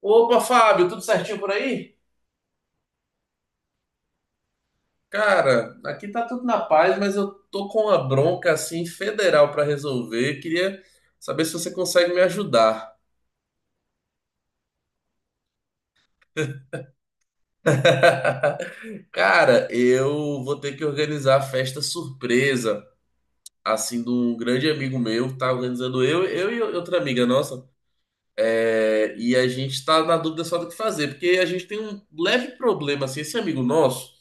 Opa, Fábio, tudo certinho por aí? Cara, aqui tá tudo na paz, mas eu tô com uma bronca assim federal pra resolver. Queria saber se você consegue me ajudar. Cara, eu vou ter que organizar a festa surpresa assim de um grande amigo meu, tá organizando eu e outra amiga nossa. É, e a gente está na dúvida só do que fazer, porque a gente tem um leve problema, assim, esse amigo nosso,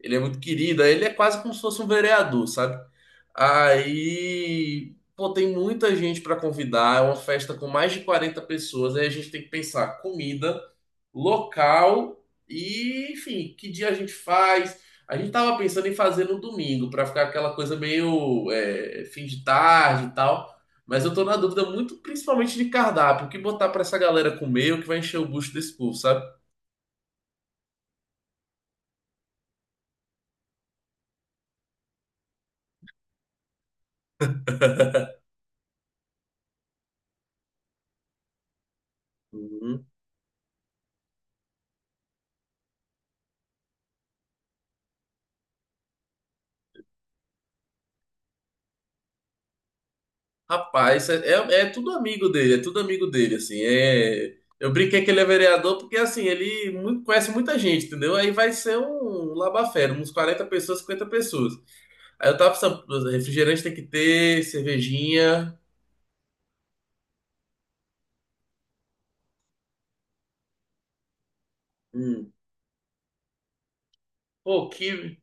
ele é muito querido, aí ele é quase como se fosse um vereador, sabe? Aí, pô, tem muita gente para convidar, é uma festa com mais de 40 pessoas, aí a gente tem que pensar comida, local e, enfim, que dia a gente faz. A gente tava pensando em fazer no domingo, para ficar aquela coisa meio fim de tarde e tal. Mas eu tô na dúvida muito, principalmente de cardápio. O que botar pra essa galera comer, o que vai encher o bucho desse povo, sabe? Uhum. Rapaz, é tudo amigo dele, é tudo amigo dele, assim. É... Eu brinquei que ele é vereador porque, assim, conhece muita gente, entendeu? Aí vai ser um labafé, uns 40 pessoas, 50 pessoas. Aí eu tava pensando, refrigerante tem que ter, cervejinha. Hum. Pô, que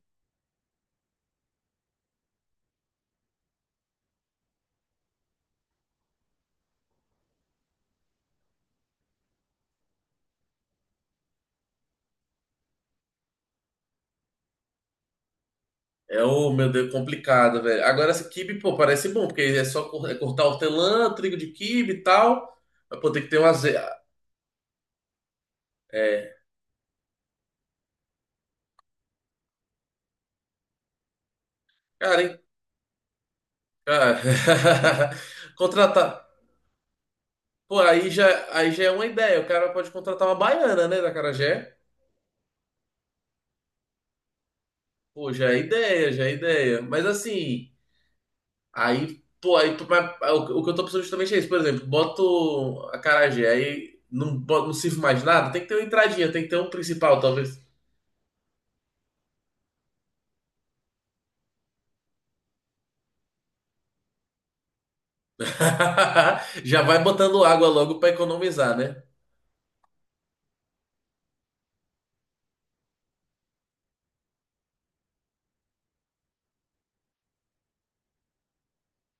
é, o meu Deus, complicado, velho. Agora, esse quibe, pô, parece bom, porque é só cortar hortelã, trigo de quibe e tal. Mas, pô, tem que ter um azeite. É, cara, hein? Cara. Contratar. Pô, aí já é uma ideia. O cara pode contratar uma baiana, né, da Carajé. Pô, já é ideia, já é ideia. Mas, assim, aí, pô, aí, mas, o que eu tô pensando justamente é isso. Por exemplo, boto a Carajé aí não, não sirvo mais nada. Tem que ter uma entradinha, tem que ter um principal, talvez. Já vai botando água logo para economizar, né?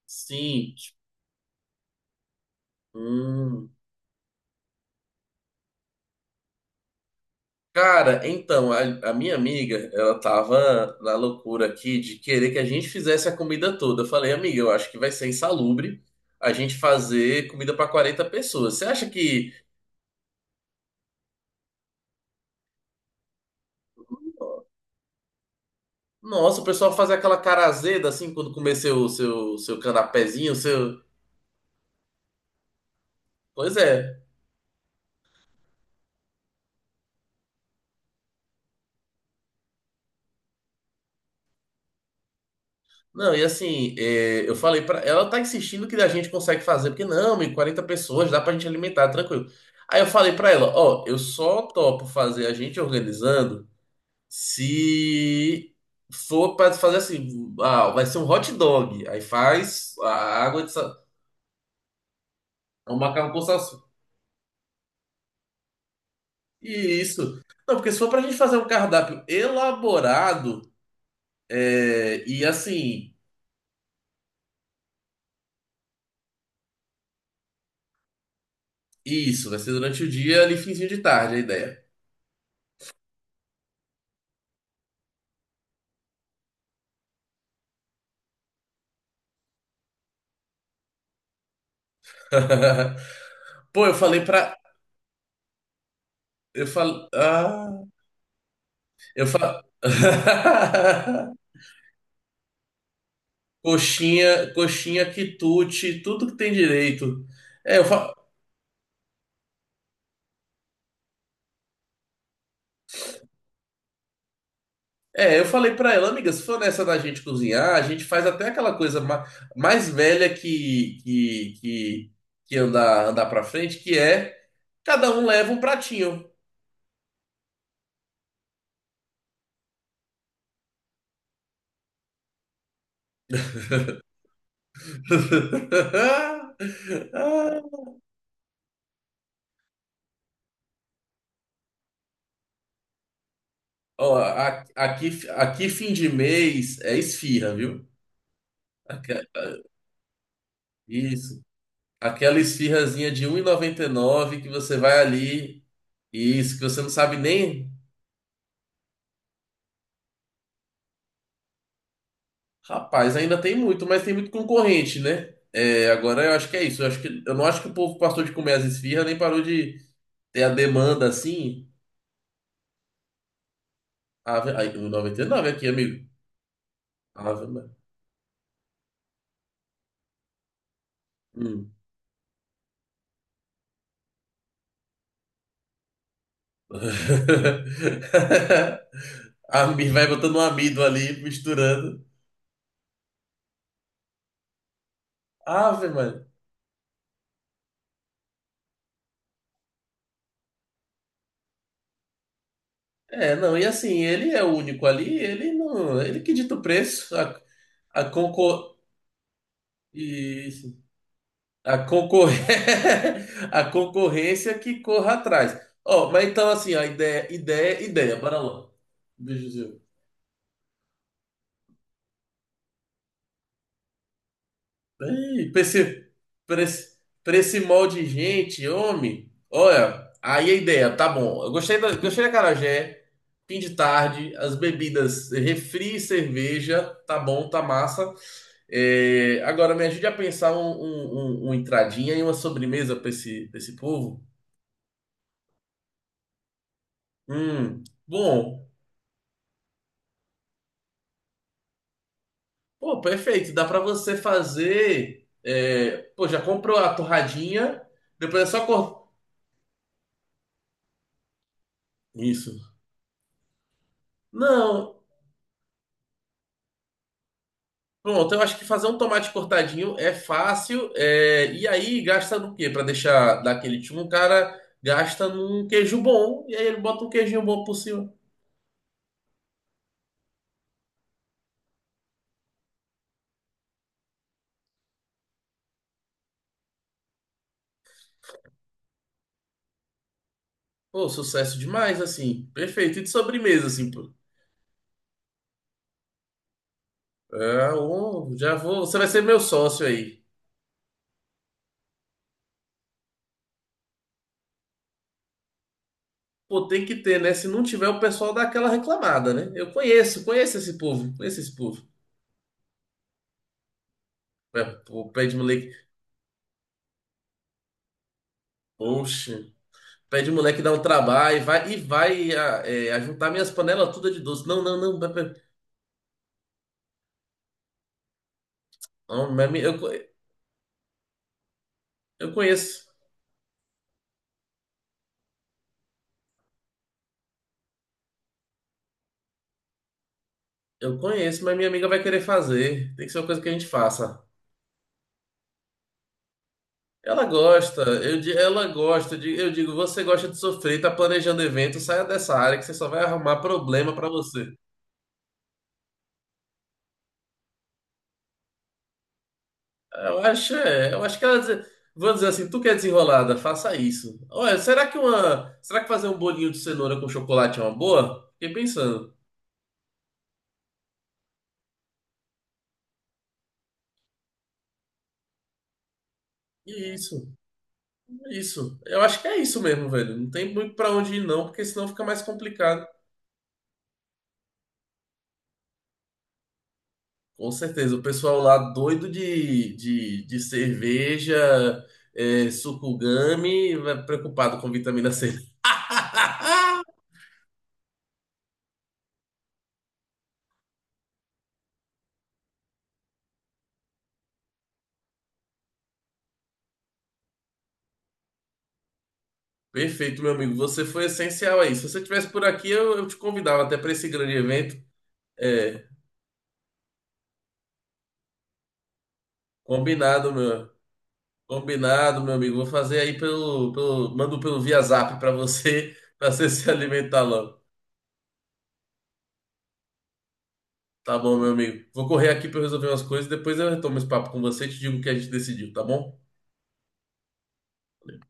Sim. Hum. Cara, então, a minha amiga, ela tava na loucura aqui de querer que a gente fizesse a comida toda. Eu falei, amiga, eu acho que vai ser insalubre a gente fazer comida para 40 pessoas. Você acha que, nossa, o pessoal faz aquela cara azeda assim quando comer seu canapézinho, seu. Pois é. Não, e assim, é, eu falei pra ela tá insistindo que a gente consegue fazer, porque não, e 40 pessoas dá pra gente alimentar, tranquilo. Aí eu falei pra ela, ó, eu só topo fazer a gente organizando se for pra fazer assim, ah, vai ser um hot dog, aí faz a água de sal, um macarrão com salsicha. E isso. Não, porque se for pra gente fazer um cardápio elaborado, é, e assim, isso, vai ser durante o dia, ali finzinho de tarde a ideia. Pô, eu falei pra eu falo. Ah, eu falo. Coxinha, coxinha, quitute, tudo que tem direito. É, eu fa... é, eu falei pra ela, amiga, se for nessa da gente cozinhar, a gente faz até aquela coisa ma- mais velha que andar pra frente, que é cada um leva um pratinho. Ó, aqui, aqui fim de mês é esfirra, viu? Aqui- isso. Aquela esfirrazinha de um e noventa e nove que você vai ali e isso que você não sabe nem. Rapaz, ainda tem muito, mas tem muito concorrente, né? É, agora eu acho que é isso. Eu acho que, eu não acho que o povo passou de comer as esfirras, nem parou de ter a demanda assim. Ave, ai, 1,99 aqui, amigo. Ave, mano. Hum. Vai botando um amido ali, misturando. Ave, mano. É, não, e assim, ele é o único ali, ele não, ele que dita o preço, a concor... Isso. A concor... a concorrência que corra atrás. Ó, mas então assim, a ideia, para lá. Beijo, ei, pra esse, pra esse molde de gente, homem. Olha, aí a ideia, tá bom. Eu gostei da acarajé, fim de tarde, as bebidas, refri, e cerveja, tá bom, tá massa. É, agora me ajude a pensar uma entradinha e uma sobremesa pra esse povo. Bom, pô, perfeito. Dá pra você fazer. É, pô, já comprou a torradinha, depois é só cortar. Isso. Não. Pronto, eu acho que fazer um tomate cortadinho é fácil. É, e aí gasta no quê? Para deixar daquele tipo, um cara gasta num queijo bom e aí ele bota um queijinho bom por cima. Pô, sucesso demais, assim. Perfeito. E de sobremesa, assim, pô. É, ô, já vou. Você vai ser meu sócio aí. Pô, tem que ter, né? Se não tiver, o pessoal dá aquela reclamada, né? Eu conheço, conheço esse povo, conheço esse povo. É, pô, pede moleque. Poxa. Pede o moleque dar um trabalho e vai a, é, ajuntar minhas panelas todas de doce. Não, não, não. Não, eu, eu conheço. Eu conheço, mas minha amiga vai querer fazer. Tem que ser uma coisa que a gente faça. Ela gosta, ela gosta. Eu digo, você gosta de sofrer, tá planejando evento, saia dessa área que você só vai arrumar problema pra você. Eu acho, é, eu acho que ela dizer, vou dizer assim, tu que é desenrolada, faça isso. Olha, será que fazer um bolinho de cenoura com chocolate é uma boa? Fiquei pensando. Isso. Isso. Eu acho que é isso mesmo, velho. Não tem muito pra onde ir, não, porque senão fica mais complicado. Com certeza. O pessoal lá doido de cerveja, é, sucugame, preocupado com vitamina C. Perfeito, meu amigo. Você foi essencial aí. Se você estivesse por aqui, eu te convidava até para esse grande evento. É, combinado, meu. Combinado, meu amigo. Vou fazer aí mando pelo via Zap para você, para você se alimentar logo. Tá bom, meu amigo. Vou correr aqui para resolver umas coisas, depois eu retomo esse papo com você e te digo o que a gente decidiu, tá bom?